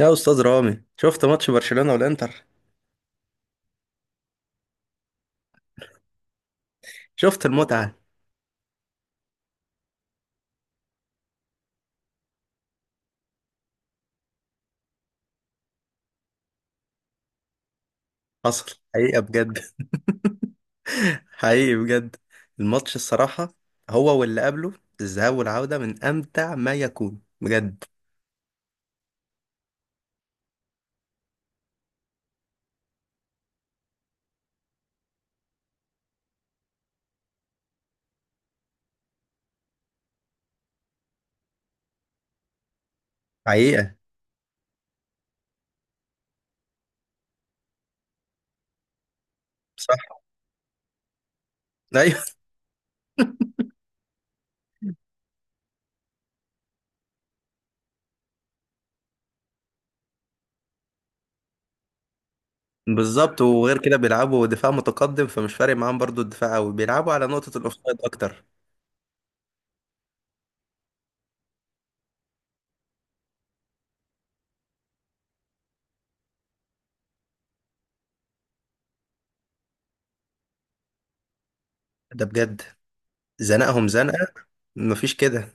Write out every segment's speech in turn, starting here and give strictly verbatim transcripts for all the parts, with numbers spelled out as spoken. يا استاذ رامي، شفت ماتش برشلونة والانتر؟ شفت المتعة؟ حصل حقيقة بجد. حقيقي بجد. الماتش الصراحة، هو واللي قبله، الذهاب والعودة، من امتع ما يكون بجد. حقيقة. صح. ايوه. بالظبط، وغير كده بيلعبوا دفاع متقدم، فمش فارق معاهم برضو الدفاع قوي، بيلعبوا على نقطة الاوفسايد اكتر. ده بجد زنقهم زنقة، مفيش كده.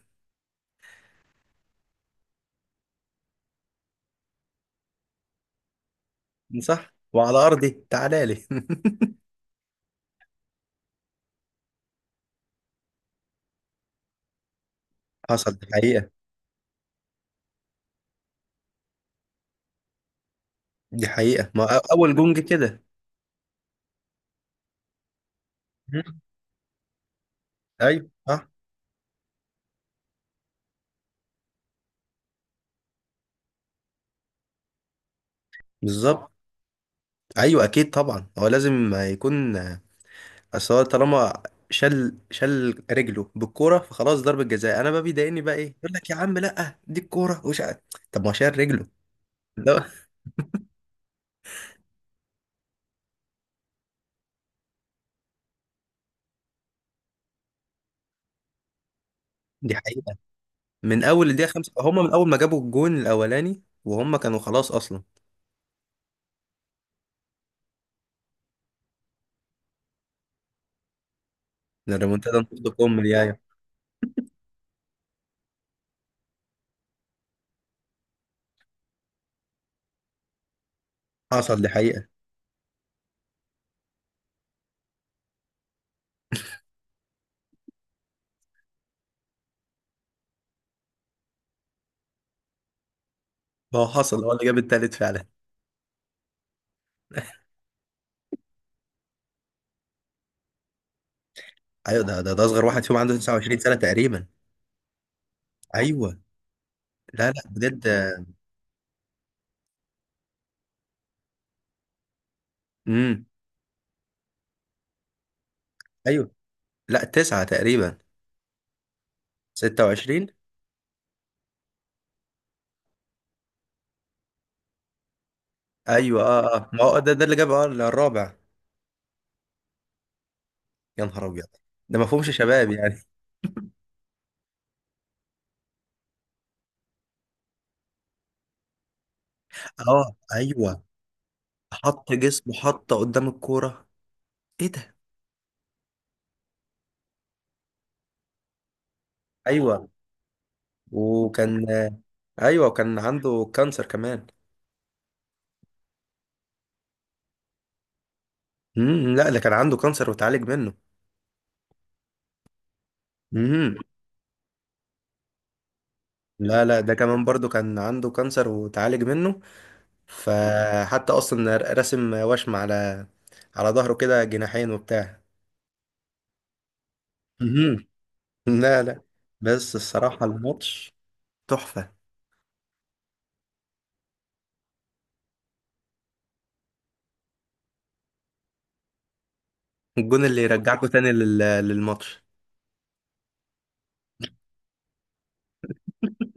صح، وعلى ارضي تعالى لي. حصل، دي حقيقة. دي حقيقة. ما أ- اول جون جه كده. ايوه صح. بالظبط. ايوه اكيد طبعا، هو لازم يكون. اصل هو طالما شل شل رجله بالكوره، فخلاص ضربه جزاء. انا بقى بيضايقني بقى ايه، يقول لك يا عم لا دي الكوره، وش ع- طب ما هو شال رجله. لا. دي حقيقه، من اول الدقيقه خمسة، هم من اول ما جابوا الجون الاولاني وهم كانوا خلاص اصلا. إن الريمونتادا نقطه كم يعني؟ حصل، دي حقيقه. هو حصل، هو اللي جاب التالت فعلا. ايوه، ده ده, ده اصغر واحد فيهم عنده تسعة وعشرين سنه تقريبا. ايوه. لا لا بجد. امم. ايوه. لا، تسعه تقريبا. ستة وعشرين. ايوه اه اه، ما هو ده ده اللي جاب اه الرابع. يا نهار ابيض، ده ما فهمش شباب يعني. اه ايوه. حط جسمه، حط قدام الكوره. ايه ده؟ ايوه، وكان آه، ايوه، وكان عنده كانسر كمان. امم. لا ده كان عنده كانسر وتعالج منه. امم. لا لا، ده كمان برضو كان عنده كانسر وتعالج منه. فحتى اصلا رسم وشم على، على ظهره كده جناحين وبتاع. امم. لا لا. بس الصراحة الماتش تحفة. الجون اللي يرجعكوا تاني لل... للماتش.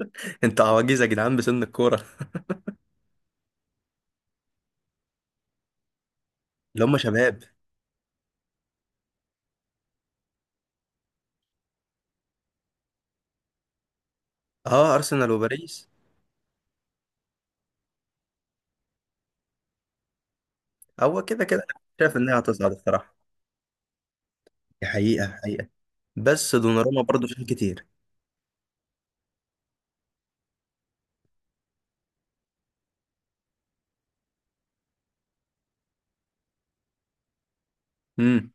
انتوا عواجيز يا جدعان بسن الكوره. اللي هم شباب. اه، ارسنال وباريس. هو كده كده أنا شايف انها هتصعد الصراحه. دي حقيقه حقيقه. بس دوناروما برضه شال كتير. امم.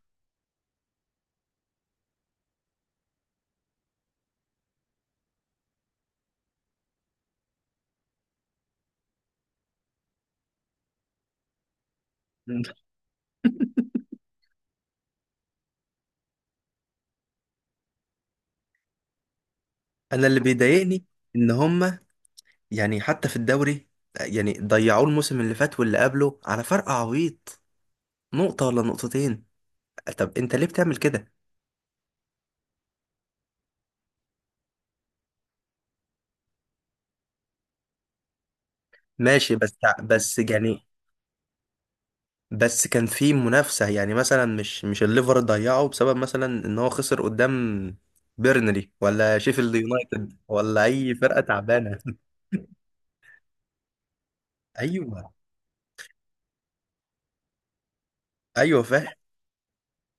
انا اللي بيضايقني ان هم، يعني حتى في الدوري، يعني ضيعوه الموسم اللي فات واللي قبله على فرق عويط، نقطه ولا نقطتين. طب انت ليه بتعمل كده؟ ماشي بس. بس يعني، بس كان في منافسة، يعني مثلا مش مش الليفر ضيعه بسبب مثلا ان هو خسر قدام بيرنلي ولا شيفيلد يونايتد ولا اي فرقة تعبانة. ايوه. ايوه فاهم.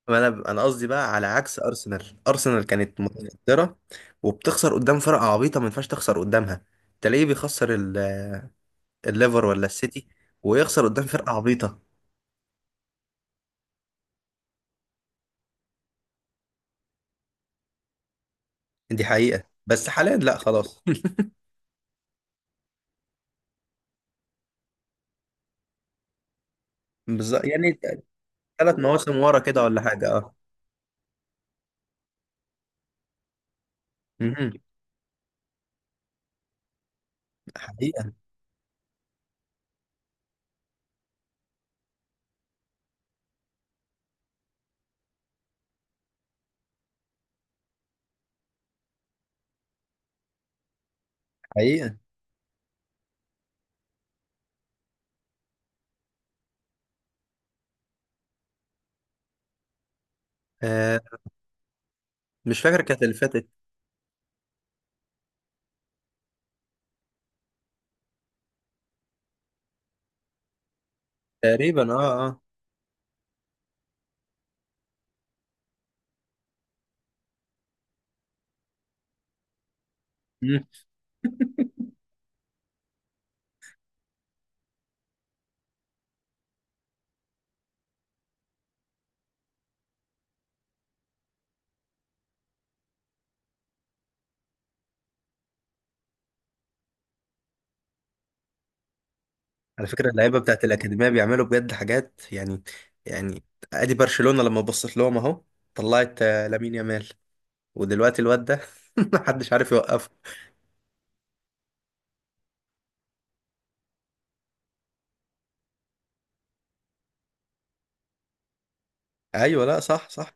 ما انا انا قصدي بقى على عكس ارسنال، ارسنال كانت متصدرة وبتخسر قدام فرقة عبيطة ما ينفعش تخسر قدامها. تلاقيه بيخسر ال- الليفر ولا السيتي، ويخسر قدام فرقة عبيطة. دي حقيقة، بس حاليا لا خلاص. بالظبط يعني، ثلاث مواسم ورا كده ولا حاجة، اه. مهم. حقيقة. حقيقة. آه مش فاكر، كانت اللي فاتت تقريبا اه اه. مم. على فكرة اللعيبة بتاعت الأكاديمية بيعملوا بجد حاجات يعني. يعني أدي برشلونة لما بصت لهم أهو طلعت آه لامين يامال، ودلوقتي الواد ده محدش عارف يوقفه. أيوه لا صح صح.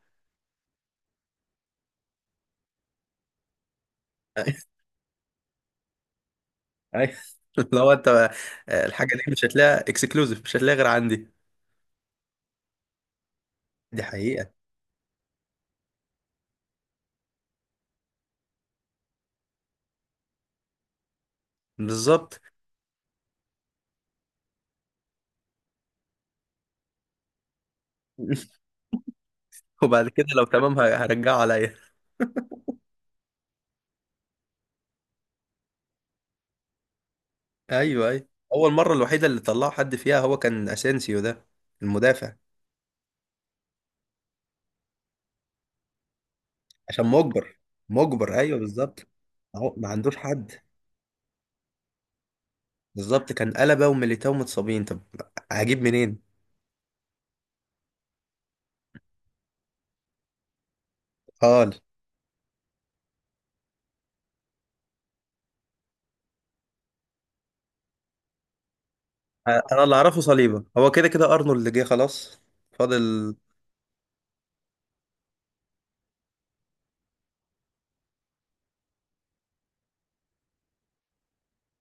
أيوه. لو أنت، آه، الحاجة دي مش هتلاقيها اكسكلوزيف، مش هتلاقيها غير عندي. دي حقيقة. بالظبط. وبعد كده لو تمام ه- هرجعه عليا. أيوه أيوه. أول مرة الوحيدة اللي طلعه حد فيها هو كان أسينسيو ده، المدافع. عشان مجبر. مجبر، ايوه بالظبط. اهو ما عندوش حد. بالظبط، كان قلبه وميليتاو متصابين، طب هجيب منين؟ قال. انا اللي اعرفه صليبه هو كده كده ارنولد جه خلاص، فاضل.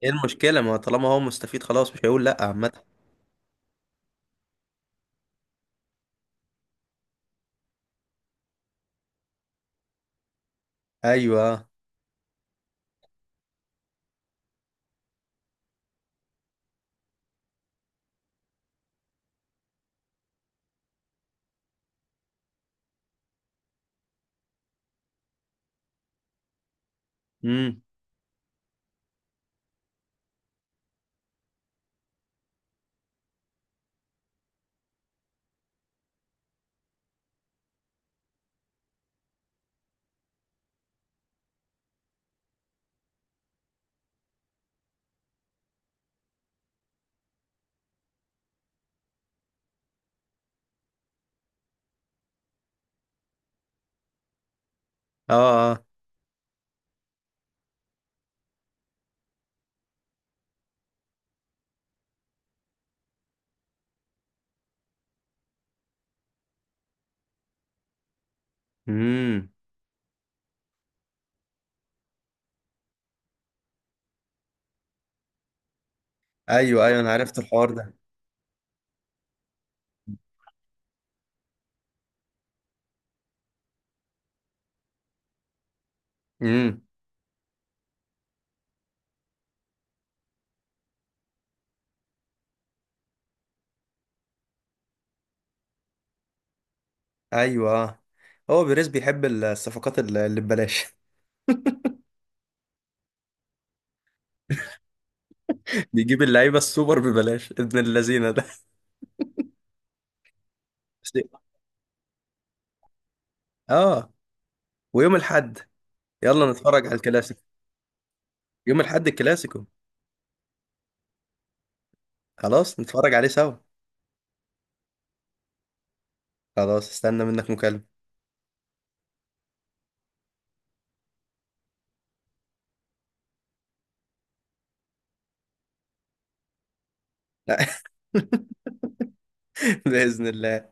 ايه المشكله، ما طالما هو مستفيد خلاص مش هيقول لا، عامه. ايوه. امم. اه اه. امم. ايوه ايوه، انا عرفت الحوار ده. امم. ايوه. آه. هو بيريز بيحب الصفقات اللي اللي ببلاش. بيجيب اللعيبه السوبر ببلاش ابن اللذينه ده. اه. ويوم الاحد يلا نتفرج على الكلاسيكو، يوم الأحد الكلاسيكو. خلاص نتفرج عليه سوا. خلاص استنى منك مكالمة. بإذن الله.